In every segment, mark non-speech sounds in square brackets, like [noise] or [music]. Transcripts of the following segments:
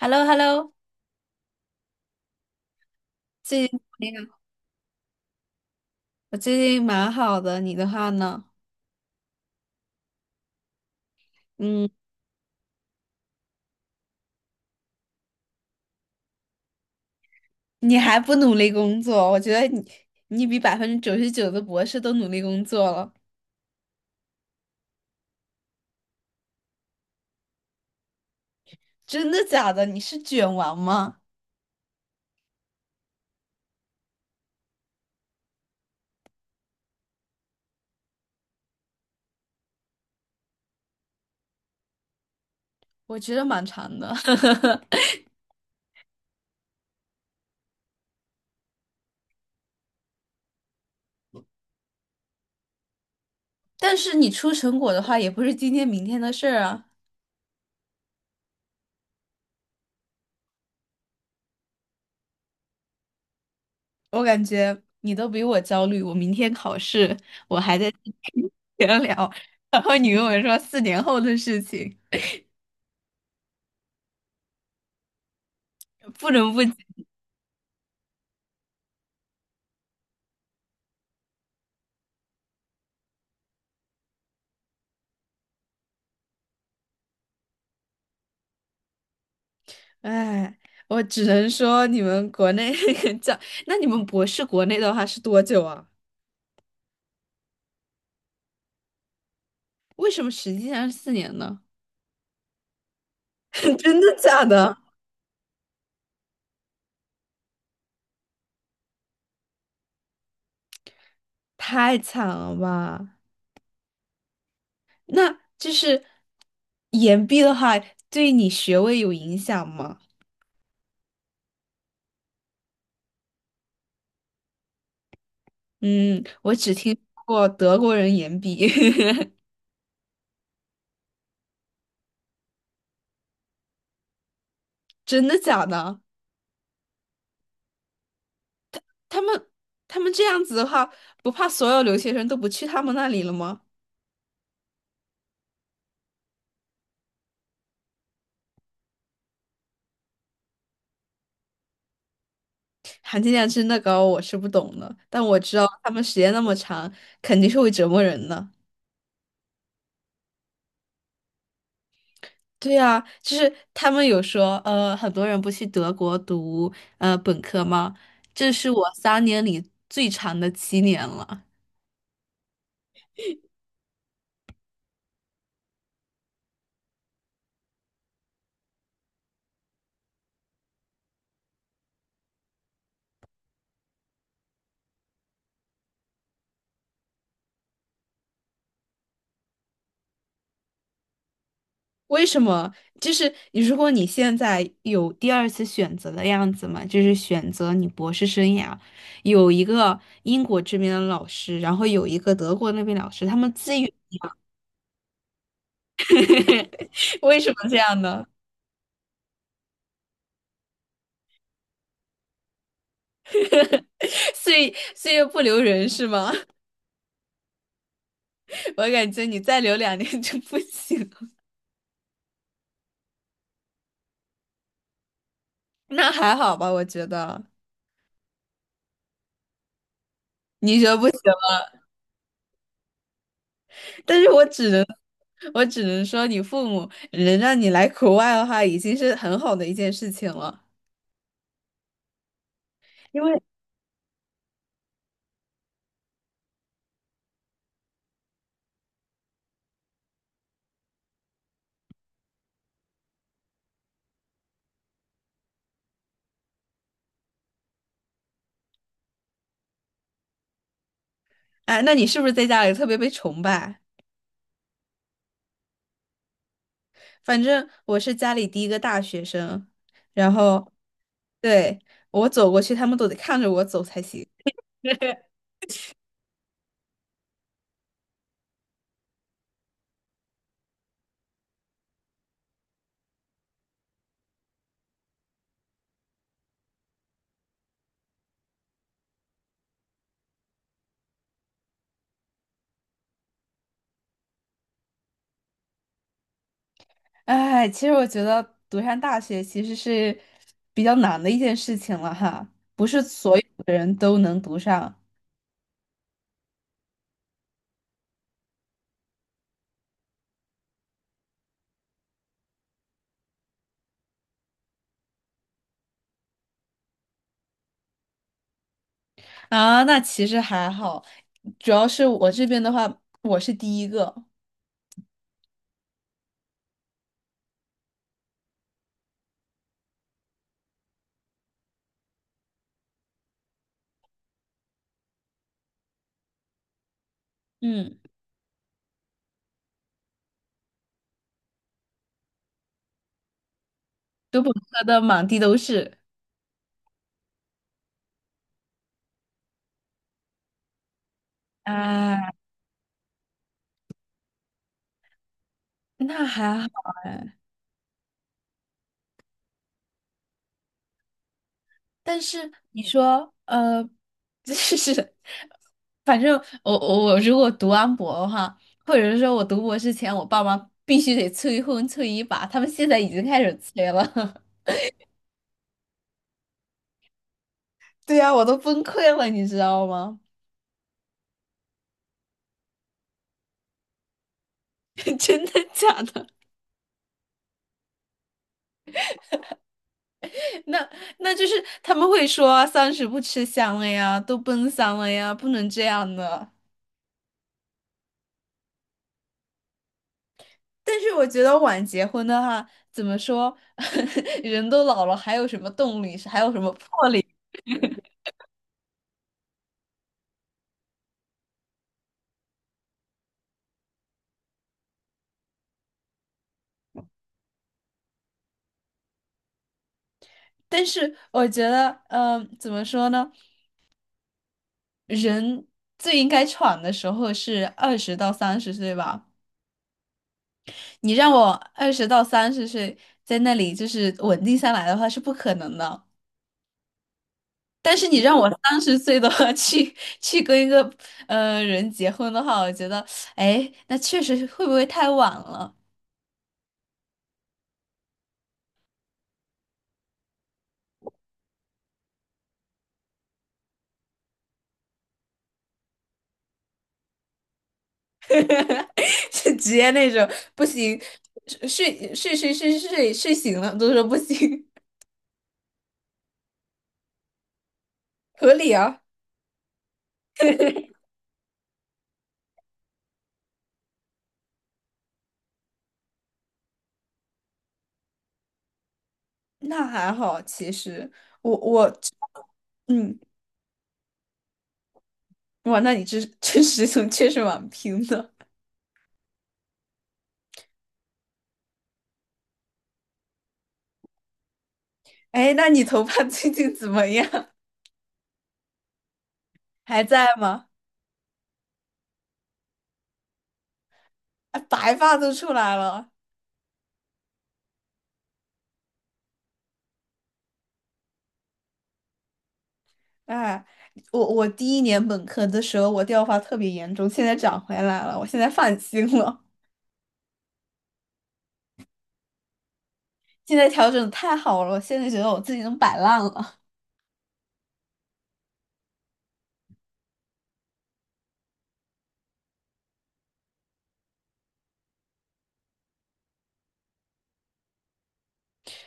h e l l o h e l l o。 最近那个，我最近蛮好的，你的话呢？嗯，你还不努力工作？我觉得你，你比99%的博士都努力工作了。真的假的？你是卷王吗？我觉得蛮长的，[laughs] 但是你出成果的话，也不是今天明天的事儿啊。我感觉你都比我焦虑，我明天考试，我还在 [laughs] 闲聊，然后你跟我说4年后的事情。不能不。哎，我只能说你们国内 [laughs] 教，那你们博士国内的话是多久啊？为什么实际上是四年呢？[laughs] 真的假的？太惨了吧！那就是延毕的话，对你学位有影响吗？嗯，我只听过德国人延毕。[laughs] 真的假的？他们他们这样子的话，不怕所有留学生都不去他们那里了吗？含金量真的高，我是不懂的，但我知道他们时间那么长，肯定是会折磨人的。对啊，就是他们有说，很多人不去德国读本科吗？这是我3年里最长的7年了。为什么？就是如果你现在有第二次选择的样子嘛，就是选择你博士生涯，有一个英国这边的老师，然后有一个德国那边老师，他们自己。 [laughs] 为什么这样呢？[laughs] 岁月不留人是吗？[laughs] 我感觉你再留2年就不行了。 [laughs] 那还好吧，我觉得你觉得不，但是我只能说，你父母能让你来国外的话，已经是很好的一件事情了。因为，哎，那你是不是在家里特别被崇拜？反正我是家里第一个大学生，然后对，我走过去，他们都得看着我走才行。[laughs] 哎，其实我觉得读上大学其实是比较难的一件事情了哈，不是所有的人都能读上啊。那其实还好，主要是我这边的话，我是第一个，嗯，读本科的满地都是啊，那还好哎。但是你说，就是 [laughs]，反正我如果读完博的话，或者是说我读博之前，我爸妈必须得催婚催一把，他们现在已经开始催了。[laughs] 对呀，我都崩溃了，你知道吗？[laughs] 真的假的？[laughs] 那那就是他们会说啊三十不吃香了呀，都奔三了呀，不能这样的。但是我觉得晚结婚的话，怎么说，[laughs] 人都老了，还有什么动力，还有什么魄力？但是我觉得，怎么说呢？人最应该闯的时候是二十到三十岁吧。你让我二十到三十岁在那里就是稳定下来的话是不可能的。但是你让我三十岁的话 [laughs] 去跟一个人结婚的话，我觉得，哎，那确实会不会太晚了？[laughs] 就直接那种不行，睡睡醒了都说不行，[laughs] 合理啊。[laughs] 那还好，其实我我嗯，哇，那你这这实从确实蛮拼的。哎，那你头发 [laughs] 最近怎么样？[laughs] 还在吗？哎，白发都出来了。哎，我第一年本科的时候，我掉发特别严重，现在长回来了，我现在放心了。现在调整得太好了，我现在觉得我自己能摆烂了。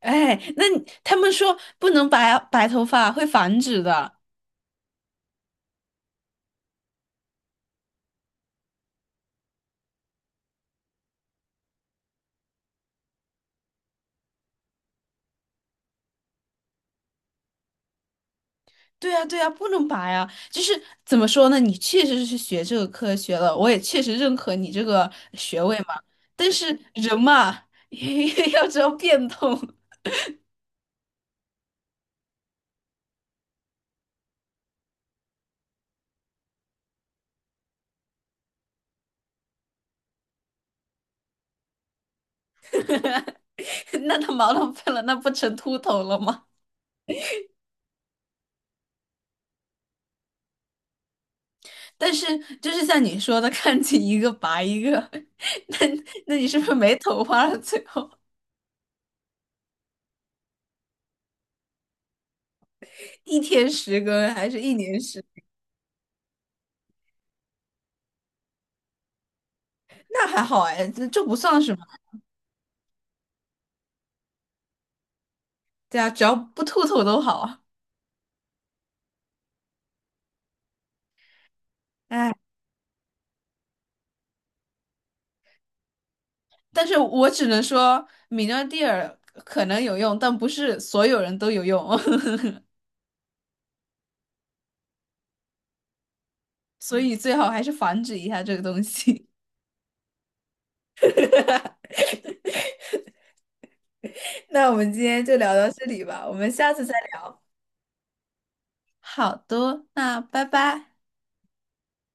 哎，那你他们说不能白头发会繁殖的，对呀，对呀，不能拔呀！就是怎么说呢？你确实是学这个科学了，我也确实认可你这个学位嘛。但是人嘛，[laughs] 要知道变通，[laughs] 那他毛囊废了，那不成秃头了吗？但是就是像你说的，看见一个拔一个，[laughs] 那那你是不是没头发了？最后一天10根还是一年十？那还好哎，这不算什么。对啊，只要不秃头都好啊。哎。但是我只能说，米诺地尔可能有用，但不是所有人都有用，[laughs] 所以最好还是防止一下这个东西。[laughs] 那我们今天就聊到这里吧，我们下次再聊。好的，那拜拜。